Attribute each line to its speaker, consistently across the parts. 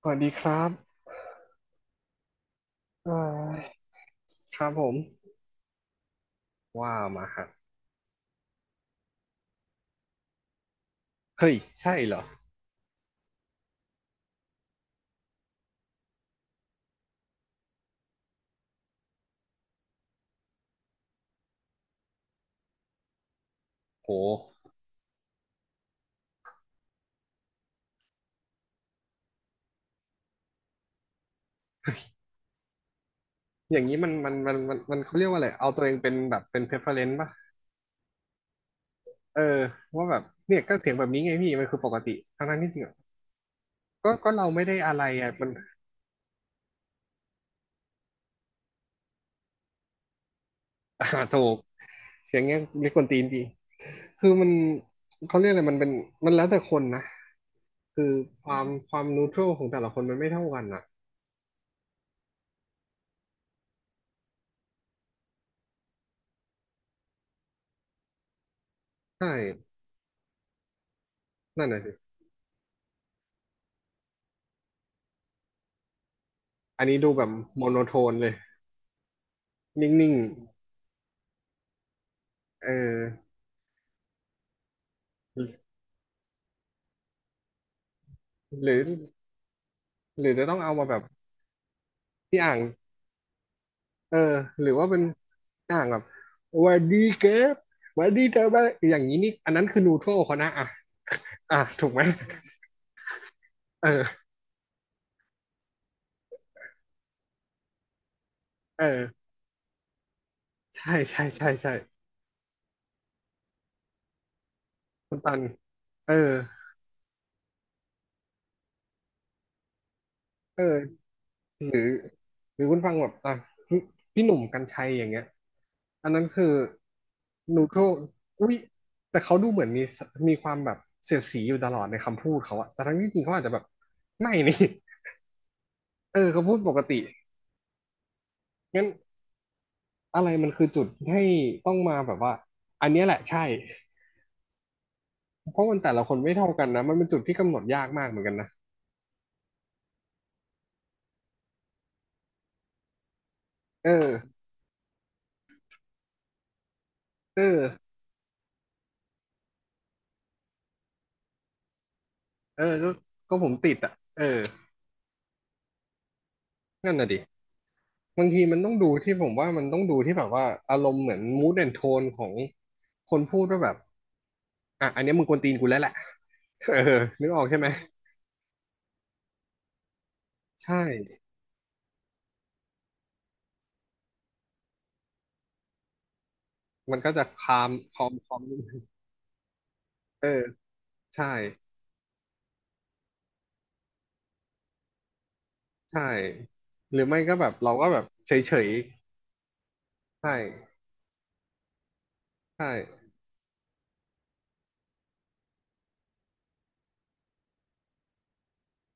Speaker 1: สวัสดีครับเอ่อครับผมว่ามาครับเฮ้ยใช่เหรอโหอย่างนี้มันเขาเรียกว่าอะไรเอาตัวเองเป็นแบบเป็น preference ป่ะเออว่าแบบเนี่ยก็เสียงแบบนี้ไงพี่มันคือปกติทั้งนั้นที่จริงอะก็เราไม่ได้อะไรอ่ะมันอ่าถูกเสียงเงี้ยเรียกควนตีนดีคือมันเขาเรียกอะไรมันเป็นมันแล้วแต่คนนะคือความนูทรัลของแต่ละคนมันไม่เท่ากันอ่ะใช่นั่นน่ะสิอันนี้ดูแบบโมโนโทนเลยนิ่งๆเออ หรือหรือจะต้องเอามาแบบที่อ่างเออหรือว่าเป็นอ่างแบบหวันดีเก็บวันดีเธอบ้างอย่างนี้นี่อันนั้นคือนูโทรเขานะอ่ะอ่ะถูกไหมเออเออใช่ใช่ใช่ใช่คุณตันเออเออหรือหรือคุณฟังแบบอ่ะพี่พี่หนุ่มกรรชัยอย่างเงี้ยอันนั้นคือนูโทรอุ้ยแต่เขาดูเหมือนมีสมีความแบบเสียดสีอยู่ตลอดในคำพูดเขาอะแต่ทั้งที่จริงเขาอาจจะแบบไม่นี่เออเขาพูดปกติ งั้นอะไรมันคือจุดให้ต้องมาแบบว่าอันเนี้ยแหละใช่เพราะมันแต่ละคนไม่เท่ากันนะมันเป็นจุดที่กำหนดยากมากเหมือนกันนะเออเออเออก็ผมติดอ่ะเออนั่นน่ะดิบางทีมันต้องดูที่ผมว่ามันต้องดูที่แบบว่าอารมณ์เหมือน mood and tone ของคนพูดว่าแบบอ่ะอันเนี้ยมึงกวนตีนกูแล้วแหละเออนึกออกใช่ไหมใช่มันก็จะคามคอมนิดนึงเออใช่ใช่หรือไม่ก็แบบเราก็แบบเฉยๆใช่ ใช่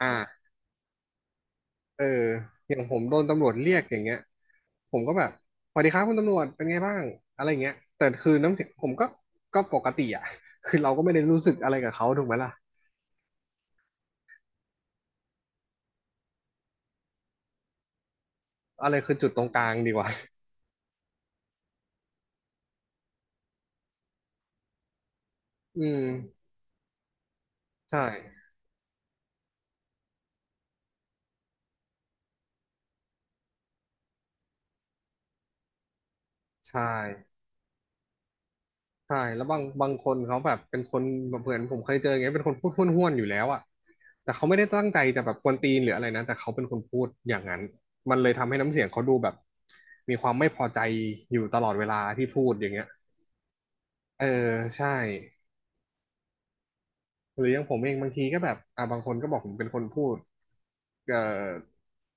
Speaker 1: อ่าเอออย่างผมโดนตำรวจเรียกอย่างเงี้ยผมก็แบบสวัสดีครับคุณตำรวจเป็นไงบ้างอะไรอย่างเงี้ยแต่คือน้ำเสียงผมก็ก็ปกติอ่ะ คือเราก็ไม่ได้รู้สึกอะไรกับเขาถูกไหมล่ะอะไรคือจุดตรงกลางดีกว่า อืมใช่ใช่ใช่แล้วบางคนเขาแบบเป็นคนแบบเหมือนผมเคยเจออย่างเงี้ยเป็นคนพูดห้วนๆอยู่แล้วอ่ะแต่เขาไม่ได้ตั้งใจจะแบบกวนตีนหรืออะไรนะแต่เขาเป็นคนพูดอย่างนั้นมันเลยทำให้น้ำเสียงเขาดูแบบมีความไม่พอใจอยู่ตลอดเวลาที่พูดอย่างเงี้ย เออใช่หรืออย่างผมเองบางทีก็แบบอ่าบางคนก็บอกผมเป็นคนพูดเออ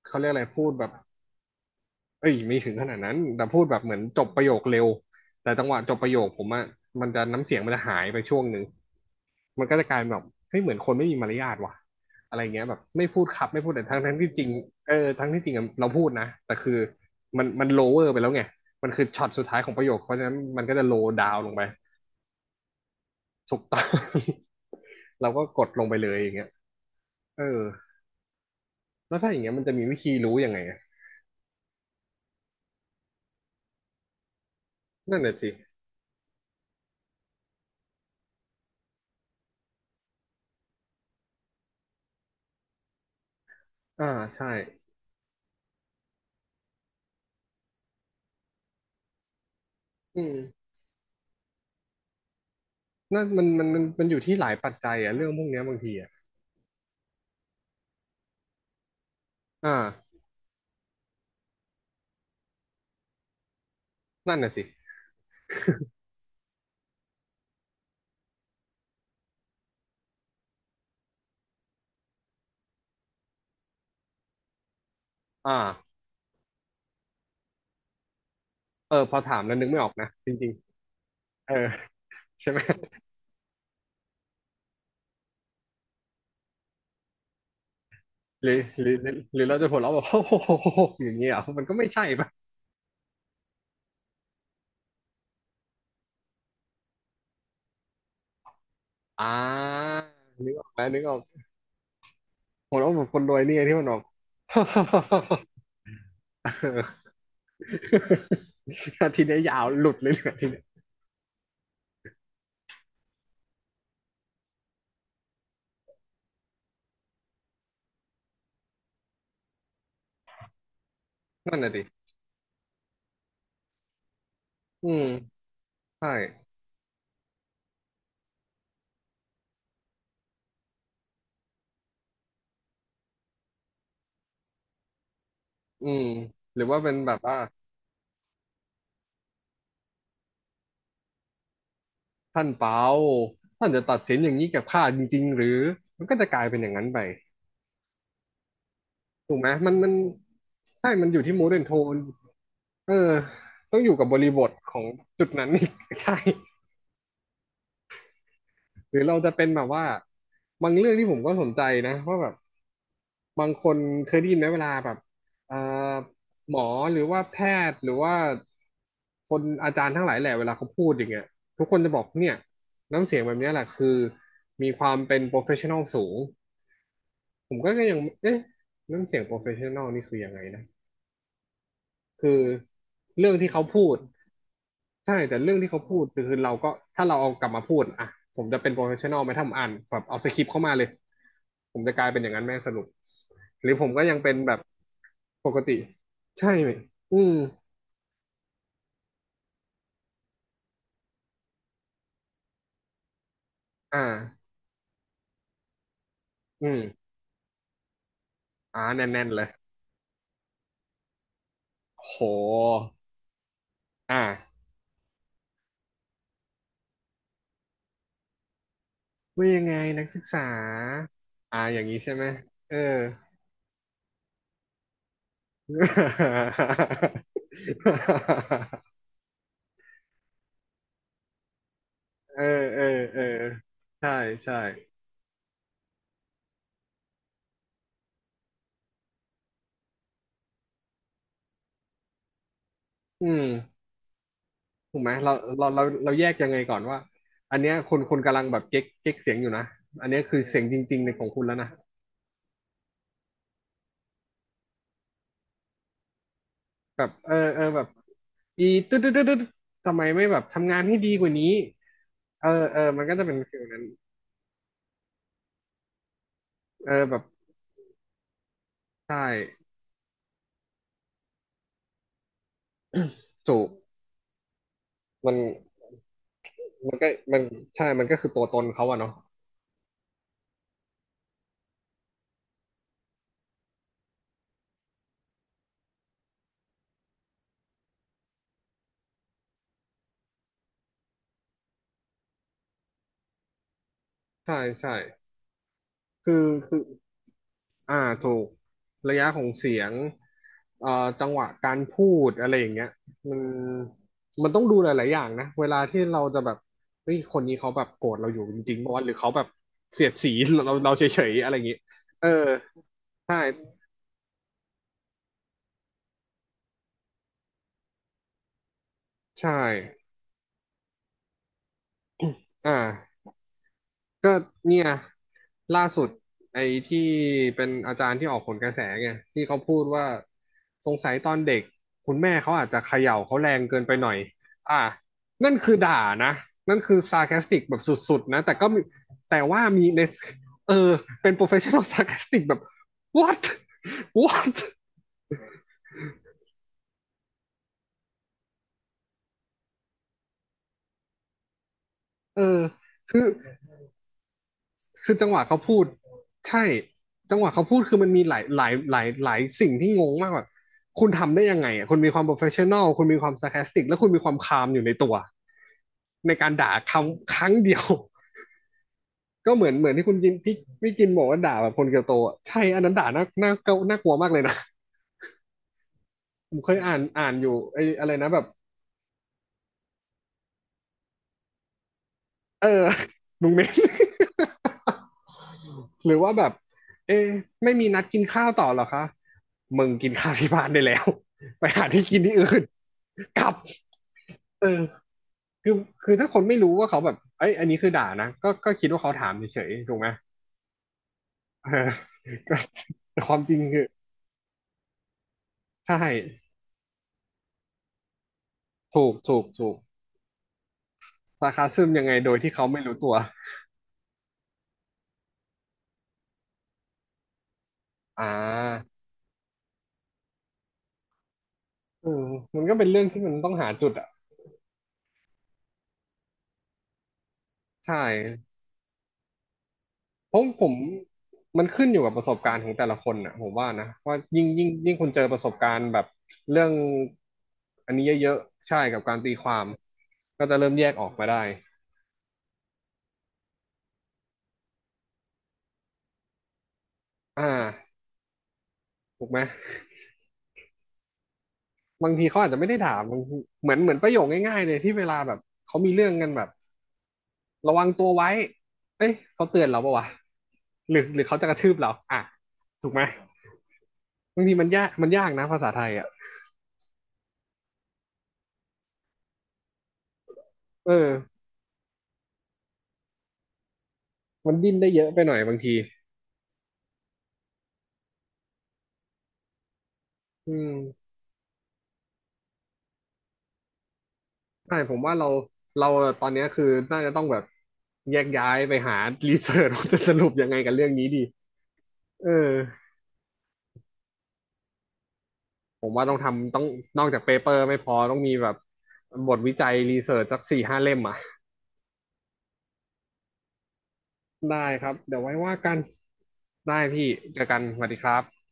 Speaker 1: เขาเรียกอะไรพูดแบบเอ้ยไม่ถึงขนาดนั้นแต่พูดแบบเหมือนจบประโยคเร็วแต่จังหวะจบประโยคผมอะมันจะน้ำเสียงมันจะหายไปช่วงหนึ่งมันก็จะกลายเป็นแบบเฮ้ยเหมือนคนไม่มีมารยาทว่ะอะไรเงี้ยแบบไม่พูดครับไม่พูดแต่ทั้งที่จริงเออทั้งที่จริงอะเราพูดนะแต่คือมันโลเวอร์ไปแล้วไงมันคือช็อตสุดท้ายของประโยคเพราะฉะนั้นมันก็จะโลดาวลงไปถูกต้อง เราก็กดลงไปเลยอย่างเงี้ยเออ แล้วถ้าอย่างเงี้ยมันจะมีวิธีรู้ยังไงอะนั่นแหละสิอ่าใช่อืมนั่นมันอยู่ที่หลายปัจจัยอะเรื่องพวกเนี้ยบางทีอะอ่านั่นน่ะสิอ่าเออพอถามแล้วนึกไม่ออกนะจริงๆเออใช่ไหมหรือเราจะหัวเราะแบบโอ้โหอย่างเงี้ยเหรอมันก็ไม่ใช่ป่ะอ่านึกออกไหมนึกออกหัวเราะแบบคนรวยเนี่ยที่มันออก อาทีเนี้ยยาวหลุดเลยเนี่ยอาทีเนี้ยนั่นน่ะดิอืมใช่อืมหรือว่าเป็นแบบว่า ท่านเปาท่านจะตัดสินอย่างนี้กับข้าจริงๆหรือ มันก็จะกลายเป็นอย่างนั้นไปถูกไหมมัน ใช่มันอยู่ที่ม d ด r n t โทนเออ ต้องอยู่กับบริบทของจุดนั้น อีก ใช่ หรือเราจะเป็นแบบว่า บางเรื่องที่ผมก็สนใจนะว่าแบบ บางคนเคยได้ยินไหมเวลาแบบเอ่อหมอหรือว่าแพทย์ หรือว่า คนอาจารย์ทั้งหลายแหละเวลาเขาพูดอย่างเงี้ยทุกคนจะบอกเนี่ยน้ำเสียงแบบเนี้ยแหละคือมีความเป็น professional สูง ผมก็ยังเอ๊ะเรื่องเสียง professional นี่คือยังไงนะ คือเรื่องที่เขาพูด ใช่ แต่เรื่องที่เขาพูดคือเราก็ถ้าเราเอากลับมาพูดอ่ะผมจะเป็น professional ไหมถ้าผมอ่านแบบเอาสคริปต์เข้ามาเลยผมจะกลายเป็นอย่างนั้นแม่งสรุปหรือผมก็ยังเป็นแบบปกติใช่ไหมอืมอ่าอืมแน่นๆเลยโหอ่าว่ายังไงนักศึกษาอย่างนี้ใช่ไหมเออ เออเออ เออ ใช่ใช่อืมถูกไหมเราแยกยังไงก่อนว่าอันเนี้ยคนคนกำลังแบบเก๊กเก๊กเสียงอยู่นะ อันเนี้ยคือเสียงจริงๆในของคุณแล้วนะ แบบ เออ เออแบบอีตึ๊ดตึ๊ดตึ๊ดตึ๊ดทำไมไม่แบบทำงานให้ดีกว่านี้ เออเออมันก็จะเป็นฟิลนั้นเออแบบใช่จูบมันก็มันใช่มันก็คือตัวตนเขาอะเนาะใช่ใช่คือ อ่าถูกระยะของเสียงเอ่อจังหวะการพูดอะไรอย่างเงี้ยมันต้องดูหลายๆอย่างนะเวลาที่เราจะแบบเฮ้ยคนนี้เขาแบบโกรธเราอยู่จริงๆปะวะหรือเขาแบบเสียดสีเราเฉยๆอะไรอย่างงี้เออใช่ใช่อ่า ก็เนี่ยล่าสุดไอ้ที่เป็นอาจารย์ที่ออกผลกระแสไงที่เขาพูดว่าสงสัยตอนเด็กคุณแม่เขาอาจจะเขย่าเขาแรงเกินไปหน่อยอ่ะนั่นคือด่านะนั่นคือซา r c คสติกแบบสุดๆนะแต่ก็มีแต่ว่ามีในเออเป็น professional sarcastic แบบ what what เออ คือจังหวะเขาพูดใช่จังหวะเขาพูดคือมันมีหลายสิ่งที่งงมากกว่าคุณทำได้ยังไงอ่ะคุณมีความ professional คุณมีความ sarcastic แคสติกและคุณมีความ calm อยู่ในตัวในการด่าคำครั้งเดียว ก็เหมือนที่คุณกินพี่พี่กินบอกว่าด่าแบบคนเกียวโตใช่อันนั้นด่าน่ากลัวมากเลยนะผมเคยอ่านอยู่ไอ้อะไรนะแบบ เออลุงเิ้น หรือว่าแบบ เอ๊ะไม่มีนัดกินข้าวต่อเหรอคะ มึงกินข้าวที่บ้านได้แล้ว ไปหาที่กินที่อื่น กลับ เออคือคือถ้าคนไม่รู้ว่าเขาแบบ เอ้ยอันนี้คือด่านะ ก็ก็คิดว่าเขาถามเฉยๆถูกไหมเออ ก็แต่ความจริงคือ ใช่ ถูกถูกถูกสาคาซึมยังไงโดยที่เขาไม่รู้ตัว อ่าเออมันก็เป็นเรื่องที่มันต้องหาจุดอ่ะใช่ ผมมันขึ้นอยู่กับประสบการณ์ของแต่ละคนอ่ะผมว่านะว่ายิ่งคุณเจอประสบการณ์แบบเรื่องอันนี้เยอะๆใช่กับการตีความก็จะเริ่มแยกออกมาได้อ่าถูกไหมบางทีเขาอาจจะไม่ได้ถามบางทีเหมือนประโยคง่ายๆเลยที่เวลาแบบเขามีเรื่องกันแบบระวังตัวไว้เอ้ยเขาเตือนเราปะวะหรือเขาจะกระทืบเราอ่ะถูกไหมบางทีมันยากนะภาษาไทยอ่ะเออมันดิ้นได้เยอะไปหน่อยบางทีอืม ใช่ผมว่าเราเราตอนเนี้ยคือน่าจะต้องแบบแยกย้ายไปหารีเสิร์ชว่าจะสรุปยังไงกับเรื่องนี้ดีเออผมว่าต้องทำต้องนอกจากเปเปอร์ไม่พอต้องมีแบบบทวิจัยรีเสิร์ชสัก4-5 เล่มอ่ะได้ครับเดี๋ยวไว้ว่ากันได้พี่เจอกันสวัสดีครับ